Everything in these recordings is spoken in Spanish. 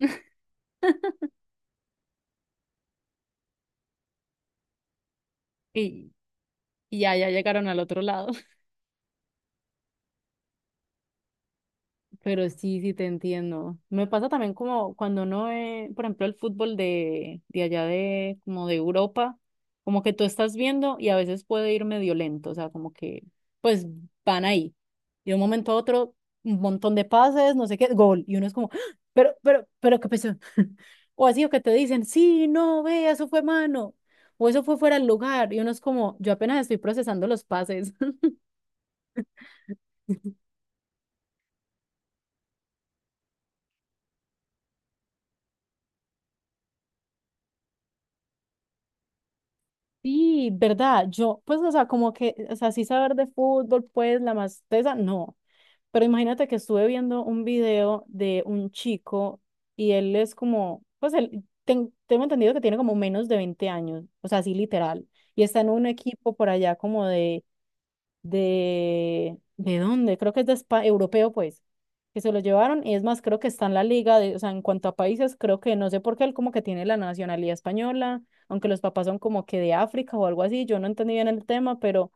Y, y, ya, ya llegaron al otro lado. Pero sí, sí te entiendo. Me pasa también como cuando no es, por ejemplo, el fútbol de allá, de, como de Europa, como que tú estás viendo y a veces puede ir medio lento, o sea, como que, pues van ahí. Y de un momento a otro, un montón de pases, no sé qué, gol. Y uno es como, ¡ah! Pero, ¿qué pasó? O así, o que te dicen, sí, no, ve, eso fue mano. O eso fue fuera del lugar. Y uno es como, yo apenas estoy procesando los pases. Sí, verdad, yo, pues, o sea, como que, o sea, sí saber de fútbol, pues, la más tesa, no, pero imagínate que estuve viendo un video de un chico y él es como, pues, él, tengo entendido que tiene como menos de 20 años, o sea, así literal, y está en un equipo por allá como de, ¿de dónde? Creo que es de europeo, pues, que se lo llevaron. Y es más, creo que está en la liga, de, o sea, en cuanto a países, creo que no sé por qué él como que tiene la nacionalidad española, aunque los papás son como que de África o algo así. Yo no entendí bien el tema, pero, o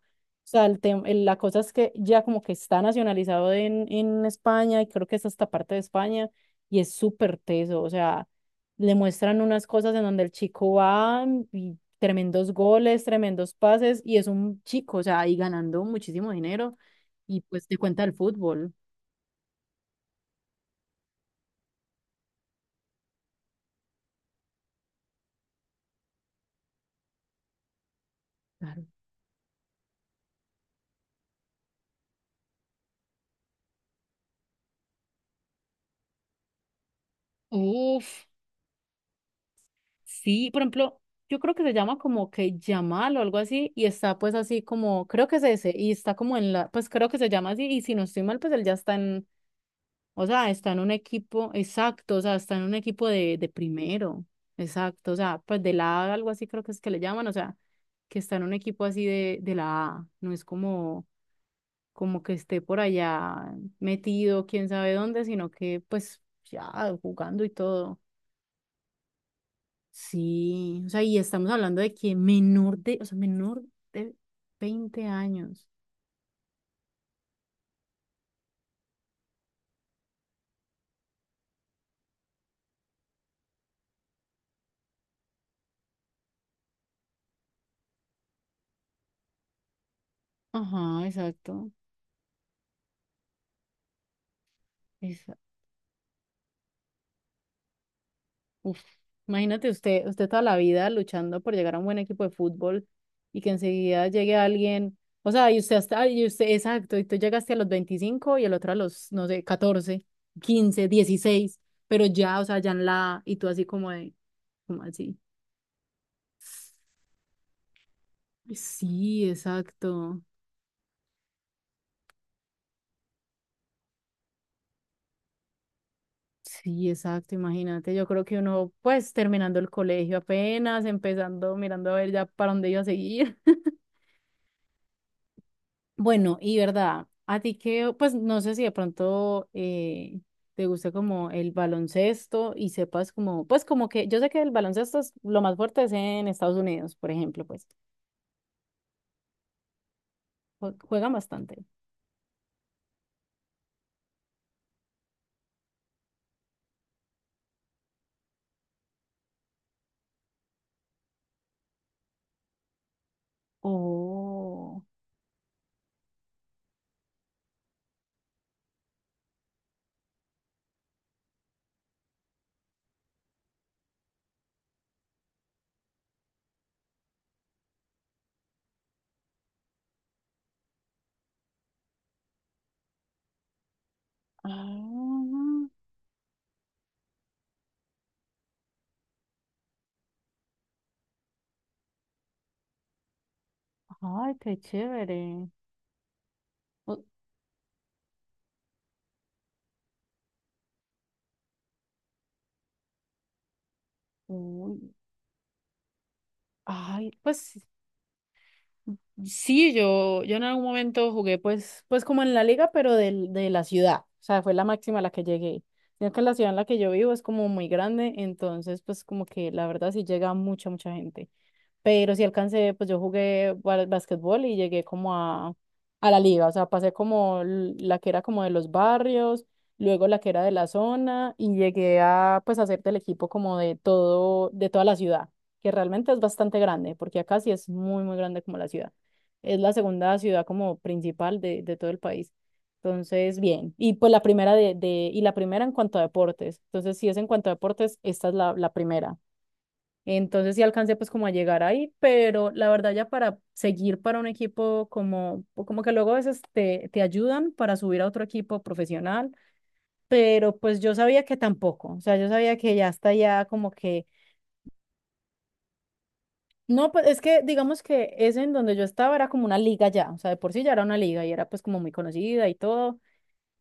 sea, el la cosa es que ya como que está nacionalizado en España y creo que es hasta parte de España y es súper teso, o sea. Le muestran unas cosas en donde el chico va y tremendos goles, tremendos pases y es un chico, o sea, ahí ganando muchísimo dinero y pues te cuenta el fútbol. Claro. Uf, sí, por ejemplo, yo creo que se llama como que Yamal o algo así, y está pues así como, creo que es ese, y está como en la, pues creo que se llama así, y si no estoy mal, pues él ya está en, o sea, está en un equipo, exacto, o sea, está en un equipo de primero, exacto, o sea, pues de la A, algo así creo que es que le llaman, o sea, que está en un equipo así de la A, no es como como que esté por allá metido, quién sabe dónde, sino que pues ya jugando y todo. Sí, o sea, y estamos hablando de que menor de, o sea, menor de 20 años. Ajá, exacto. Esa- uf. Imagínate usted, usted toda la vida luchando por llegar a un buen equipo de fútbol y que enseguida llegue alguien, o sea, y usted hasta, y usted, exacto, y tú llegaste a los 25 y el otro a los, no sé, 14, 15, 16, pero ya, o sea, ya en la, y tú así como de, ¿cómo así? Sí, exacto. Sí, exacto, imagínate. Yo creo que uno, pues, terminando el colegio apenas, empezando, mirando a ver ya para dónde iba a seguir. Bueno, y verdad, a ti que, pues, no sé si de pronto te gusta como el baloncesto y sepas como, pues, como que, yo sé que el baloncesto es lo más fuerte es en Estados Unidos, por ejemplo, pues, juegan bastante. Oh, ah, ay, qué chévere. O- uy, ay, pues sí, yo en algún momento jugué pues, pues como en la liga, pero del, de la ciudad. O sea, fue la máxima a la que llegué. Sino que la ciudad en la que yo vivo es como muy grande, entonces pues como que la verdad sí llega mucha, mucha gente. Pero sí alcancé, pues yo jugué basquetbol y llegué como a la liga, o sea, pasé como la que era como de los barrios, luego la que era de la zona y llegué a pues hacer del equipo como de todo, de toda la ciudad, que realmente es bastante grande, porque acá sí es muy, muy grande como la ciudad. Es la segunda ciudad como principal de todo el país. Entonces, bien. Y pues la primera de, y la primera en cuanto a deportes. Entonces, si es en cuanto a deportes, esta es la, la primera. Entonces sí alcancé pues como a llegar ahí, pero la verdad ya para seguir para un equipo como, o como que luego a veces te, te ayudan para subir a otro equipo profesional, pero pues yo sabía que tampoco, o sea, yo sabía que ya está ya como que, no, pues es que digamos que ese en donde yo estaba era como una liga ya, o sea, de por sí ya era una liga y era pues como muy conocida y todo,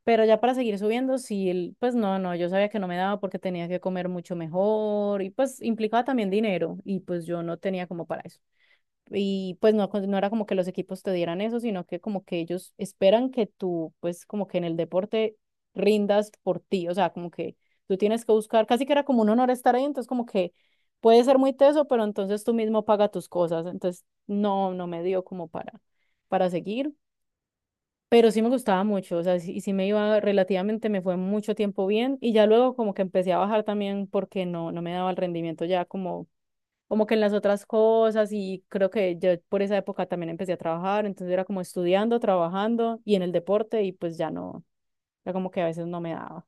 pero ya para seguir subiendo, sí, pues no, no, yo sabía que no me daba porque tenía que comer mucho mejor y pues implicaba también dinero y pues yo no tenía como para eso. Y pues no, no era como que los equipos te dieran eso, sino que como que ellos esperan que tú, pues como que en el deporte rindas por ti, o sea, como que tú tienes que buscar, casi que era como un honor estar ahí, entonces como que puede ser muy teso, pero entonces tú mismo paga tus cosas, entonces no, no me dio como para seguir, pero sí me gustaba mucho, o sea, sí, sí me iba relativamente, me fue mucho tiempo bien y ya luego como que empecé a bajar también porque no, no me daba el rendimiento ya como como que en las otras cosas y creo que yo por esa época también empecé a trabajar, entonces era como estudiando, trabajando y en el deporte y pues ya no, era como que a veces no me daba.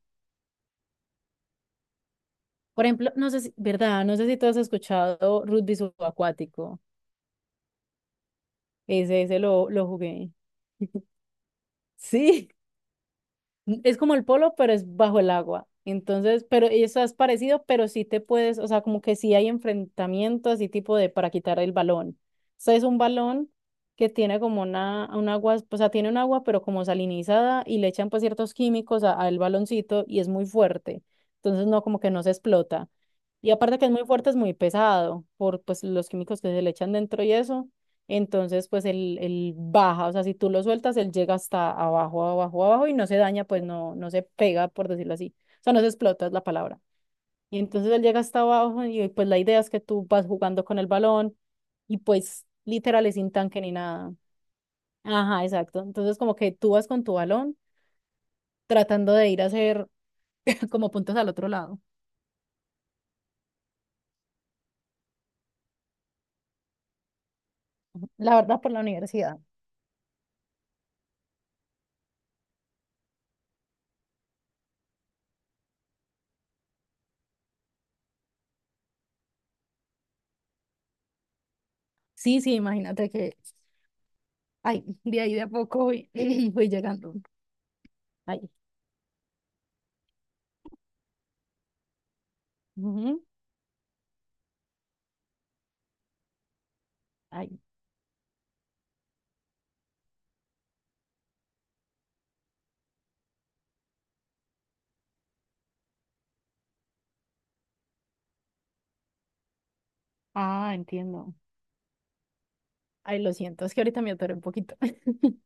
Por ejemplo, no sé si, ¿verdad? No sé si tú has escuchado rugby subacuático. Ese lo jugué. Sí. Es como el polo, pero es bajo el agua. Entonces, pero eso es parecido, pero sí te puedes, o sea, como que sí hay enfrentamientos así tipo de para quitar el balón. O sea, es un balón que tiene como una, un agua, o sea, tiene un agua, pero como salinizada y le echan pues ciertos químicos al baloncito y es muy fuerte. Entonces, no, como que no se explota. Y aparte que es muy fuerte, es muy pesado por pues, los químicos que se le echan dentro y eso. Entonces, pues él baja, o sea, si tú lo sueltas, él llega hasta abajo, abajo, abajo y no se daña, pues no, no se pega, por decirlo así. O sea, no se explota, es la palabra. Y entonces él llega hasta abajo y pues la idea es que tú vas jugando con el balón y pues literal es sin tanque ni nada. Ajá, exacto. Entonces como que tú vas con tu balón tratando de ir a hacer como puntos al otro lado. La verdad, por la universidad. Sí, sí, imagínate que ay, de ahí de a poco voy, voy llegando. Ay, ujú, ay. Ah, entiendo. Ay, lo siento, es que ahorita me atoré un poquito.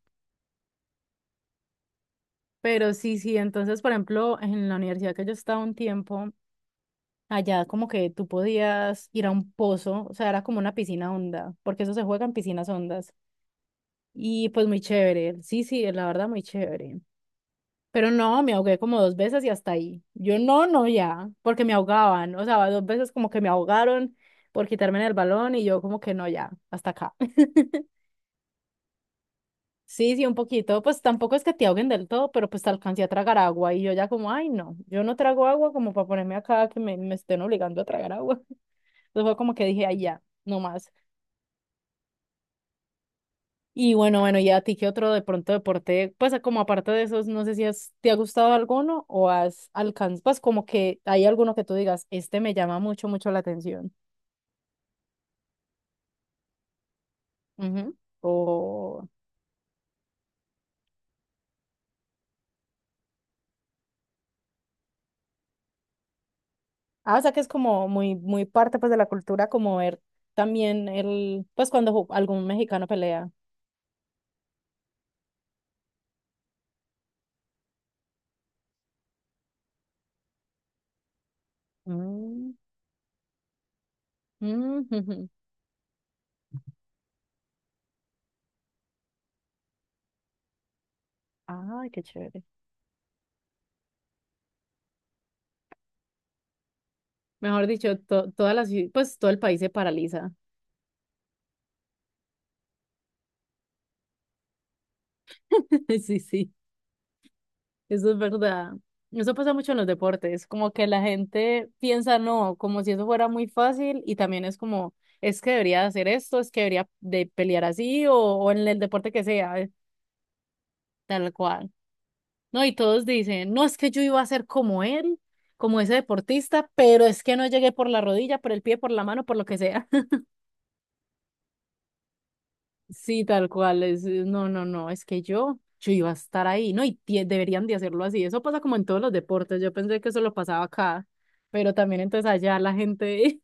Pero sí, sí, entonces, por ejemplo, en la universidad que yo estaba un tiempo, allá como que tú podías ir a un pozo, o sea, era como una piscina honda, porque eso se juega en piscinas hondas. Y pues muy chévere, sí, sí, la verdad muy chévere. Pero no, me ahogué como dos veces y hasta ahí. Yo no, no, ya, porque me ahogaban. O sea, dos veces como que me ahogaron por quitarme el balón y yo como que no, ya, hasta acá. Sí, sí, un poquito. Pues tampoco es que te ahoguen del todo, pero pues te alcancé a tragar agua y yo ya como, ay, no, yo no trago agua como para ponerme acá que me estén obligando a tragar agua. Entonces fue como que dije, ay, ya, no más. Y bueno, bueno, ¿y a ti qué otro de pronto deporte? Pues como aparte de esos, no sé si has, te ha gustado alguno o has alcanzado, pues como que hay alguno que tú digas, este me llama mucho, mucho la atención. Ujú. O, ah, o sea que es como muy, muy parte pues de la cultura, como ver también el, pues cuando algún mexicano pelea. Mm, mm, ujú. Ay, qué chévere. Mejor dicho, toda la, pues todo el país se paraliza. Sí, sí. Eso es verdad. Eso pasa mucho en los deportes, como que la gente piensa no, como si eso fuera muy fácil y también es como, es que debería hacer esto, es que debería de pelear así o en el deporte que sea, tal cual. No, y todos dicen, no, es que yo iba a ser como él, como ese deportista, pero es que no llegué por la rodilla, por el pie, por la mano, por lo que sea. Sí, tal cual. Es, no, es que yo iba a estar ahí, ¿no? Y deberían de hacerlo así. Eso pasa como en todos los deportes. Yo pensé que eso lo pasaba acá, pero también entonces allá la gente,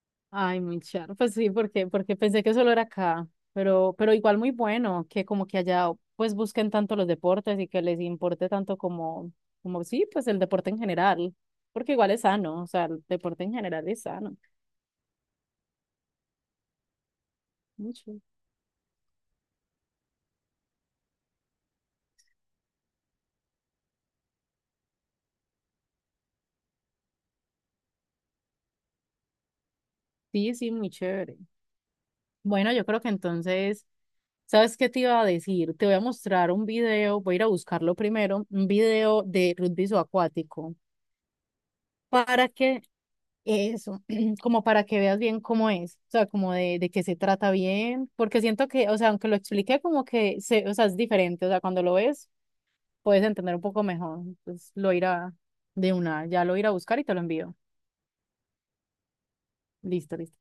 ay, muy charro. Pues sí, porque pensé que solo era acá, pero igual muy bueno que como que allá pues busquen tanto los deportes y que les importe tanto como, como sí, pues el deporte en general, porque igual es sano, o sea, el deporte en general es sano. Mucho. Sí, sí, muy chévere. Bueno, yo creo que entonces. ¿Sabes qué te iba a decir? Te voy a mostrar un video, voy a ir a buscarlo primero, un video de rugby acuático para que eso, como para que veas bien cómo es, o sea, como de qué se trata bien, porque siento que, o sea, aunque lo expliqué como que, se, o sea, es diferente, o sea, cuando lo ves puedes entender un poco mejor, entonces lo irá de una, ya lo iré a buscar y te lo envío. Listo, listo.